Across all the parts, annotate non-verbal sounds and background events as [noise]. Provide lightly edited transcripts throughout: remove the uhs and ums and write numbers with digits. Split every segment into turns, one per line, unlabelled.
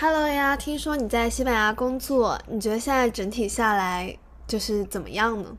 Hello 呀，听说你在西班牙工作，你觉得现在整体下来就是怎么样呢？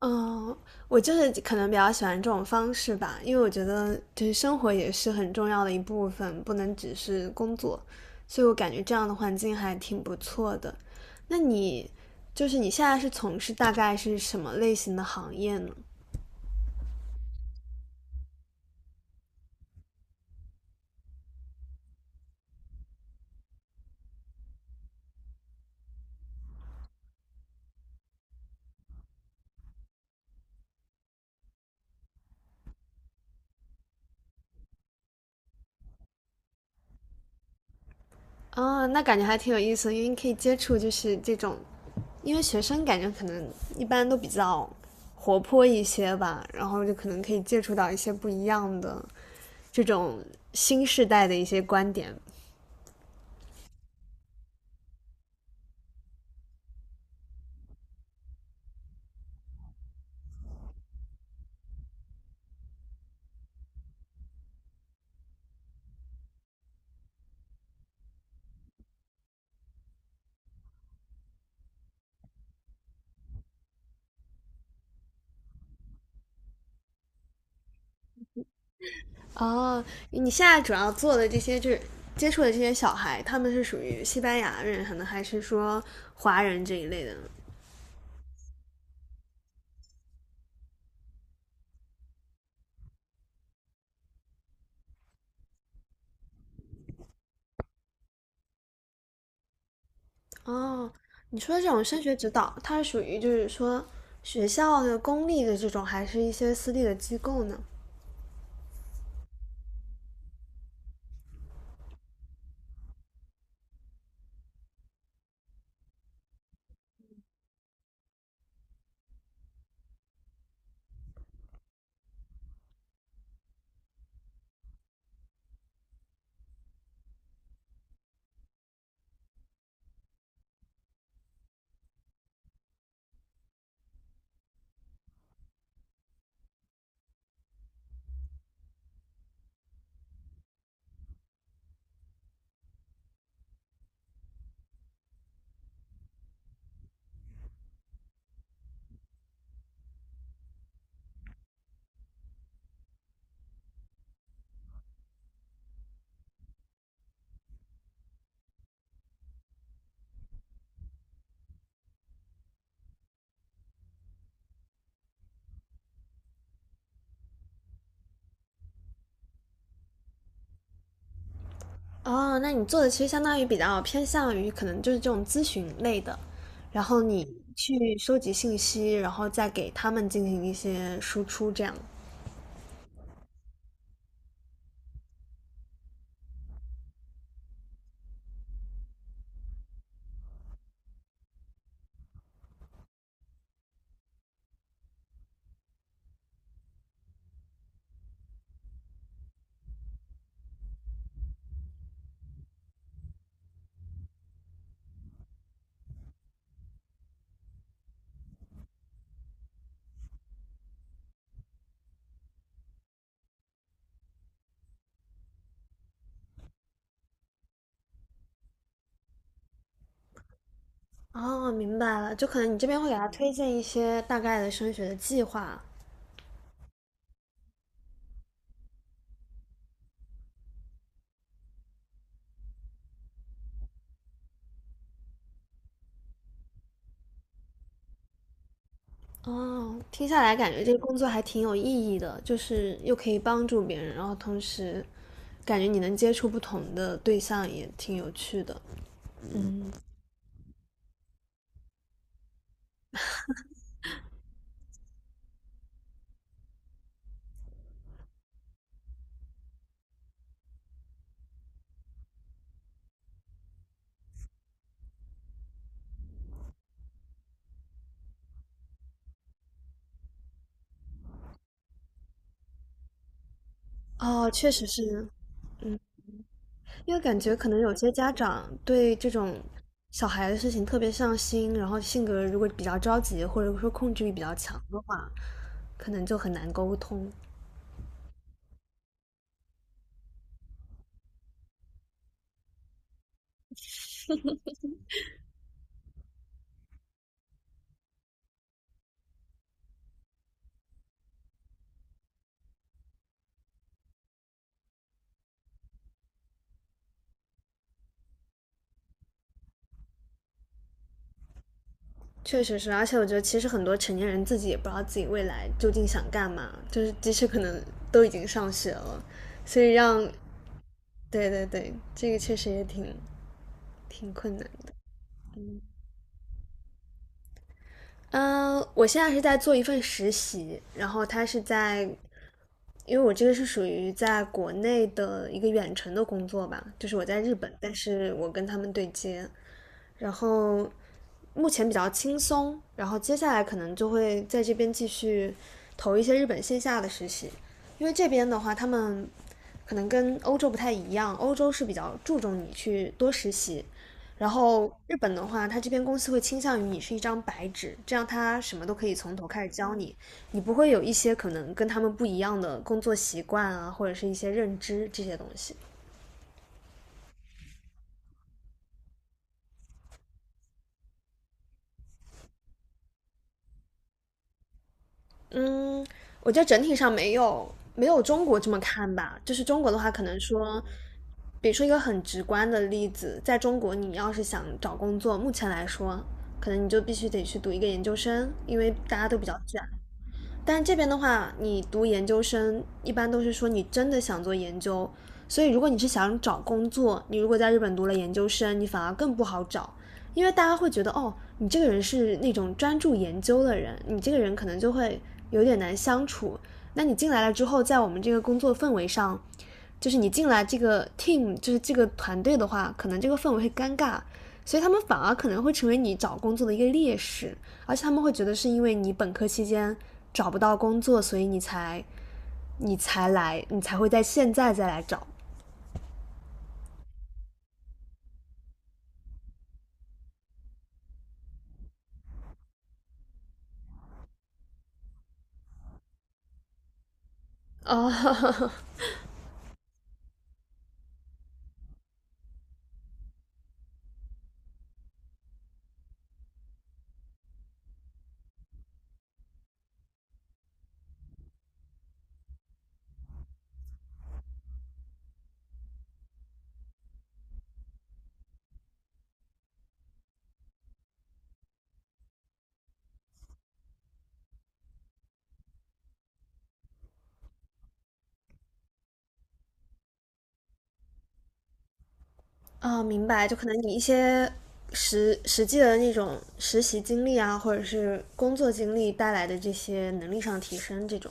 嗯，我就是可能比较喜欢这种方式吧，因为我觉得就是生活也是很重要的一部分，不能只是工作，所以我感觉这样的环境还挺不错的。那你就是你现在是从事大概是什么类型的行业呢？哦，那感觉还挺有意思的，因为你可以接触就是这种，因为学生感觉可能一般都比较活泼一些吧，然后就可能可以接触到一些不一样的这种新时代的一些观点。哦，你现在主要做的这些就是接触的这些小孩，他们是属于西班牙人，可能还是说华人这一类的呢哦，你说的这种升学指导，它是属于就是说学校的公立的这种，还是一些私立的机构呢？哦，那你做的其实相当于比较偏向于可能就是这种咨询类的，然后你去收集信息，然后再给他们进行一些输出，这样。哦，明白了，就可能你这边会给他推荐一些大概的升学的计划。哦，听下来感觉这个工作还挺有意义的，就是又可以帮助别人，然后同时感觉你能接触不同的对象也挺有趣的。哦，确实是，嗯。因为感觉可能有些家长对这种小孩的事情特别上心，然后性格如果比较着急，或者说控制欲比较强的话，可能就很难沟通。确实是，而且我觉得其实很多成年人自己也不知道自己未来究竟想干嘛，就是即使可能都已经上学了，所以让对对对，这个确实也挺挺困难的。嗯，我现在是在做一份实习，然后他是在因为我这个是属于在国内的一个远程的工作吧，就是我在日本，但是我跟他们对接，然后目前比较轻松，然后接下来可能就会在这边继续投一些日本线下的实习，因为这边的话，他们可能跟欧洲不太一样，欧洲是比较注重你去多实习，然后日本的话，它这边公司会倾向于你是一张白纸，这样他什么都可以从头开始教你，你不会有一些可能跟他们不一样的工作习惯啊，或者是一些认知这些东西。嗯，我觉得整体上没有中国这么看吧。就是中国的话，可能说，比如说一个很直观的例子，在中国，你要是想找工作，目前来说，可能你就必须得去读一个研究生，因为大家都比较卷。但这边的话，你读研究生一般都是说你真的想做研究，所以如果你是想找工作，你如果在日本读了研究生，你反而更不好找，因为大家会觉得哦，你这个人是那种专注研究的人，你这个人可能就会有点难相处。那你进来了之后，在我们这个工作氛围上，就是你进来这个 team，就是这个团队的话，可能这个氛围会尴尬，所以他们反而可能会成为你找工作的一个劣势。而且他们会觉得是因为你本科期间找不到工作，所以你才来，你才会在现在再来找。哦 [laughs] 哦，明白，就可能你一些实际的那种实习经历啊，或者是工作经历带来的这些能力上提升，这种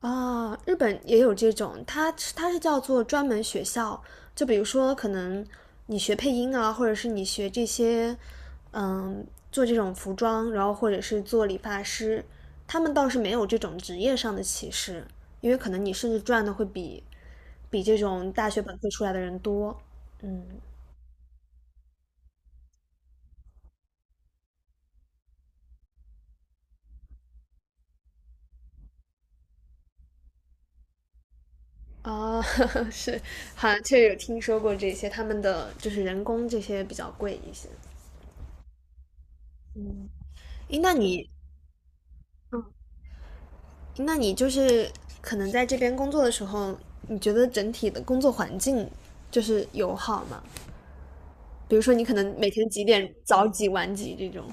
啊、日本也有这种，它是叫做专门学校，就比如说可能你学配音啊，或者是你学这些，嗯，做这种服装，然后或者是做理发师，他们倒是没有这种职业上的歧视，因为可能你甚至赚的会比这种大学本科出来的人多，嗯。啊，[laughs] 是，好像确实有听说过这些，他们的就是人工这些比较贵一些。诶，那你就是可能在这边工作的时候，你觉得整体的工作环境就是友好吗？比如说你可能每天几点早几晚几这种。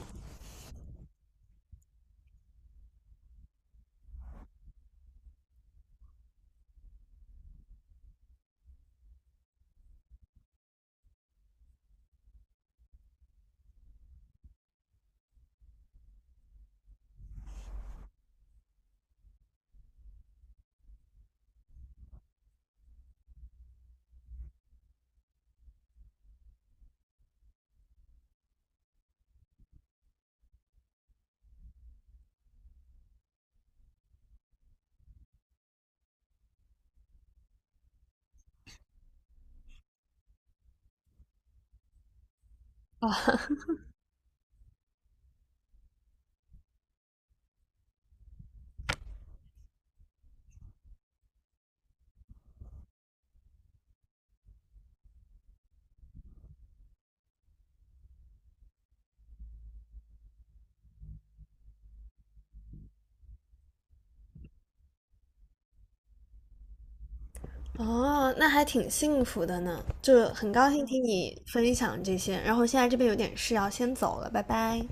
哦，那还挺幸福的呢，就很高兴听你分享这些。然后现在这边有点事要先走了，拜拜。